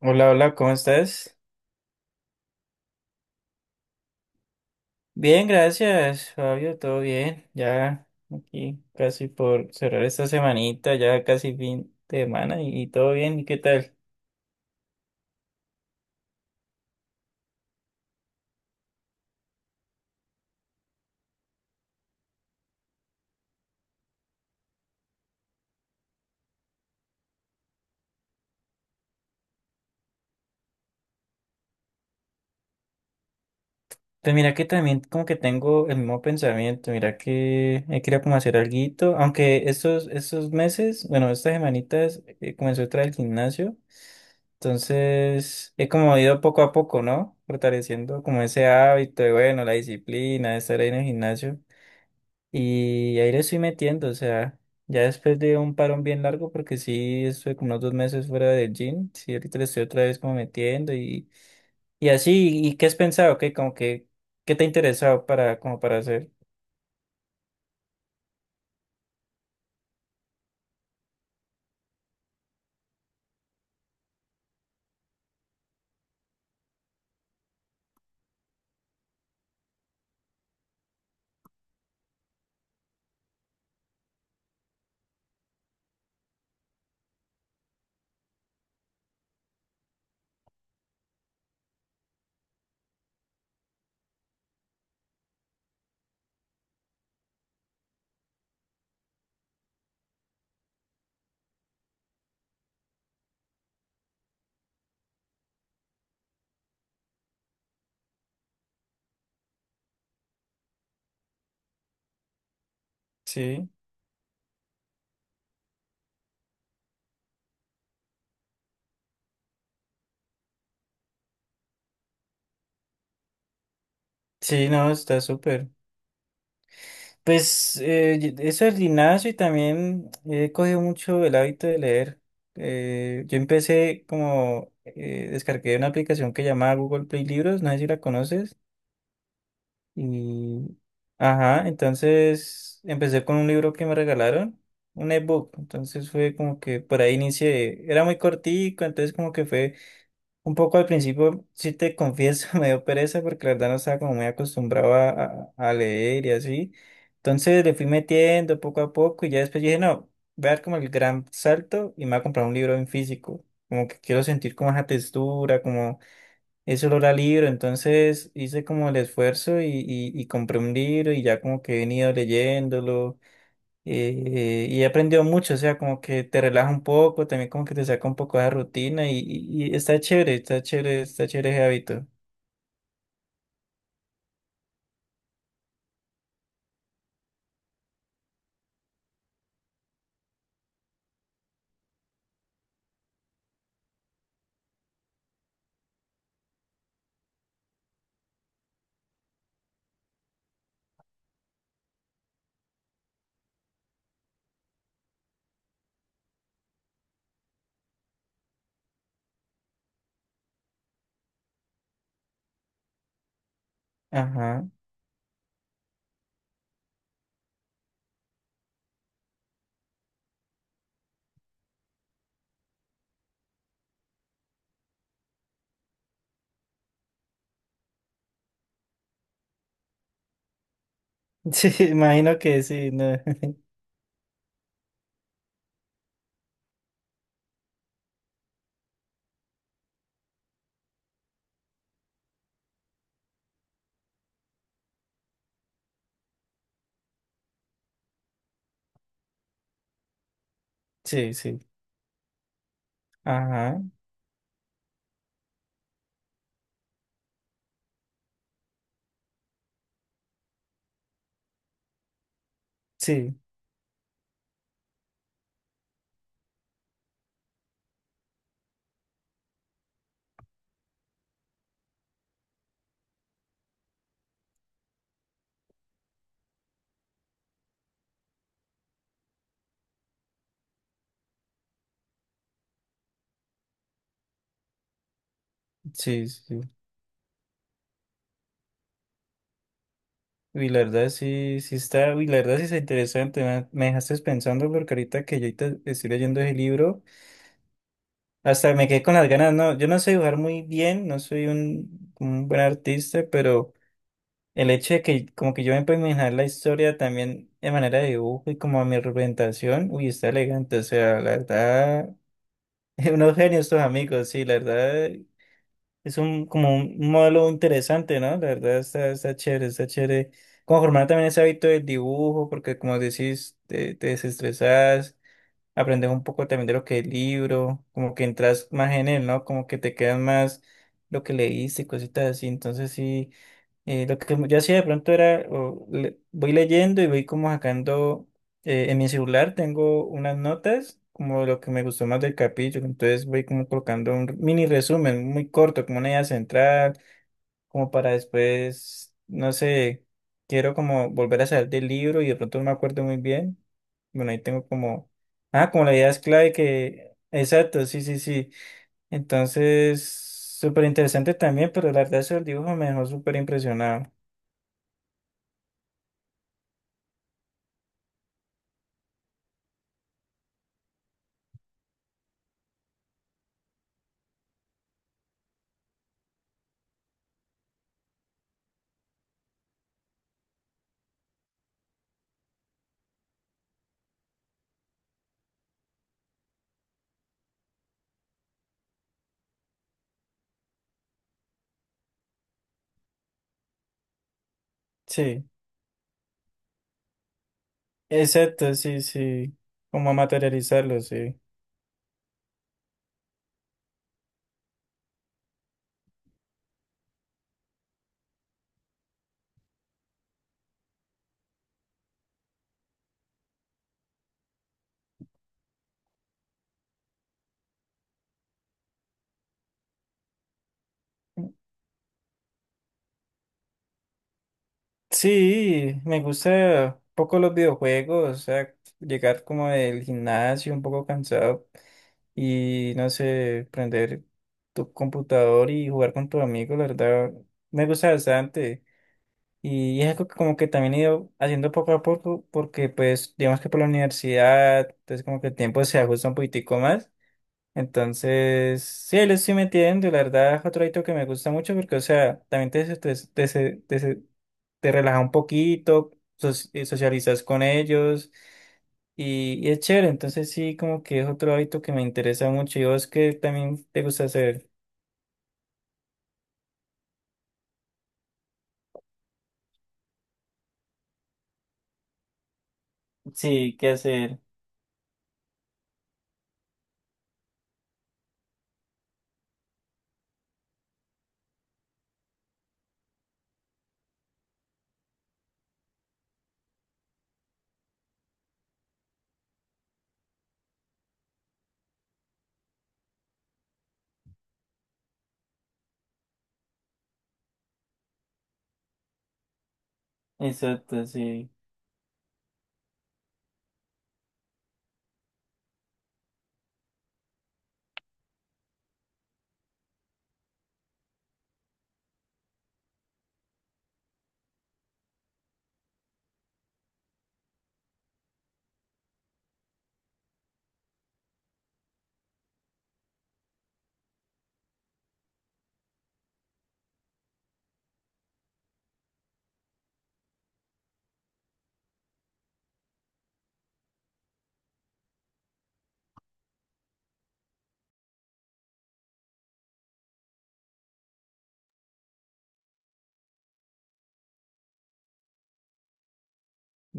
Hola, hola, ¿cómo estás? Bien, gracias, Fabio, todo bien. Ya aquí casi por cerrar esta semanita, ya casi fin de semana y todo bien, ¿y qué tal? Pues mira que también como que tengo el mismo pensamiento, mira que he querido como hacer alguito, aunque estos meses, bueno, estas semanitas comencé otra del gimnasio, entonces he como ido poco a poco, ¿no? Fortaleciendo como ese hábito de, bueno, la disciplina de estar ahí en el gimnasio. Y ahí le estoy metiendo, o sea, ya después de un parón bien largo, porque sí estuve como unos dos meses fuera del gym, sí, ahorita le estoy otra vez como metiendo y así, ¿y qué has pensado? ¿Qué, como que, qué te ha interesado para, como para hacer? Sí, sí, no, está súper. Pues y- eso del gimnasio y también he cogido mucho el hábito de leer. Yo empecé como, descargué una aplicación que llamaba Google Play Libros, no sé si la conoces. Y, ajá, entonces empecé con un libro que me regalaron, un ebook. Entonces fue como que por ahí inicié. Era muy cortico, entonces como que fue un poco al principio, si te confieso, me dio pereza porque la verdad no estaba como muy acostumbrado a leer y así. Entonces le fui metiendo poco a poco y ya después dije, no, voy a dar como el gran salto y me voy a comprar un libro en físico. Como que quiero sentir como esa textura, eso lo era libro, entonces hice como el esfuerzo y compré un libro y ya como que he venido leyéndolo y he aprendido mucho, o sea, como que te relaja un poco, también como que te saca un poco de la rutina y está chévere, está chévere, está chévere ese hábito. Ajá. Sí, imagino que sí, no. Sí, sí. Ajá. Sí, sí, sí. Y la verdad sí, sí está, y la verdad sí está interesante, me dejaste pensando porque ahorita que yo ahorita estoy leyendo ese libro. Hasta me quedé con las ganas, no, yo no sé dibujar muy bien, no soy un buen artista, pero el hecho de que como que yo me puedo imaginar la historia también de manera de dibujo y como a mi representación, uy, está elegante, o sea, la verdad, unos genios estos amigos, sí, la verdad, es un como un modelo interesante, ¿no? La verdad está, está chévere, está chévere. Como formar también ese hábito del dibujo, porque como decís, te desestresás aprendes un poco también de lo que es el libro, como que entras más en él, ¿no? Como que te quedan más lo que leíste y cositas así. Entonces sí, lo que yo hacía de pronto era, o le- voy leyendo y voy como sacando, en mi celular tengo unas notas, como lo que me gustó más del capítulo, entonces voy como colocando un mini resumen muy corto, como una idea central como para después, no sé, quiero como volver a salir del libro y de pronto no me acuerdo muy bien. Bueno, ahí tengo como, ah, como la idea es clave que, exacto, sí, sí, sí. Entonces, súper interesante también, pero la verdad eso del dibujo me dejó súper impresionado. Sí, exacto, sí, sí, como materializarlo, sí. Sí, me gusta un poco los videojuegos, o sea, llegar como del gimnasio un poco cansado y no sé, prender tu computador y jugar con tu amigo, la verdad, me gusta bastante. Y es algo que como que también he ido haciendo poco a poco, porque pues digamos que por la universidad, entonces como que el tiempo se ajusta un poquitico más. Entonces, sí, ahí lo estoy metiendo, la verdad es otro hábito que me gusta mucho porque, o sea, también te, te, relaja un poquito, so- socializas con ellos. Y es chévere, entonces sí, como que es otro hábito que me interesa mucho. ¿Y vos qué también te gusta hacer? Sí, qué hacer. Exacto, sí.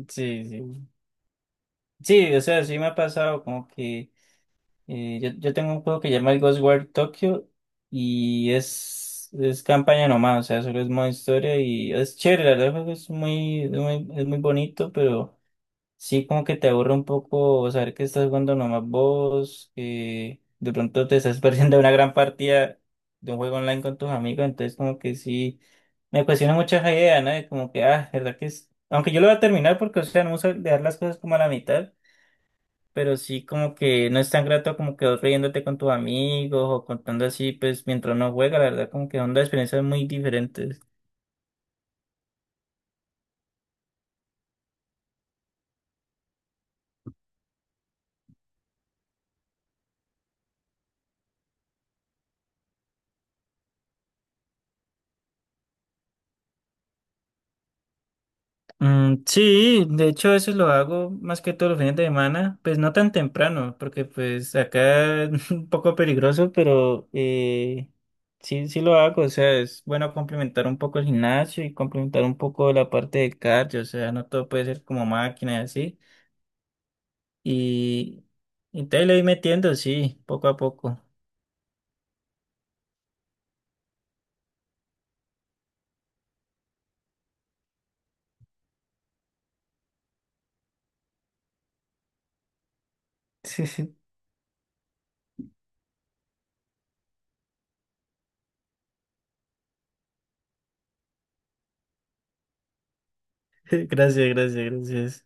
Sí, sí. Sí, o sea, sí me ha pasado como que yo, yo tengo un juego que se llama el Ghostwire Tokyo y es campaña nomás, o sea, solo es modo historia y es chévere, la verdad, el juego es muy, es muy, es muy bonito, pero. Sí, como que te aburre un poco saber que estás jugando nomás vos, que de pronto te estás perdiendo una gran partida de un juego online con tus amigos, entonces como que sí, me cuestiona mucho esa idea, ¿no? De como que, ah, verdad que es, aunque yo lo voy a terminar porque, o sea, no uso dejar las cosas como a la mitad, pero sí como que no es tan grato como que vos riéndote con tus amigos o contando así, pues mientras uno juega, la verdad como que son dos experiencias muy diferentes. Mm, sí, de hecho eso lo hago más que todos los fines de semana, pues no tan temprano, porque pues acá es un poco peligroso, pero sí, sí lo hago, o sea, es bueno complementar un poco el gimnasio y complementar un poco la parte del cardio, o sea, no todo puede ser como máquina y así, y, y te le voy metiendo, sí, poco a poco. Sí, sí. Gracias, gracias, gracias.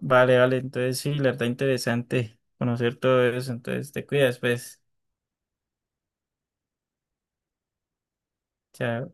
Vale, vale, entonces sí, la verdad interesante conocer todo eso, entonces te cuidas, pues. Chao.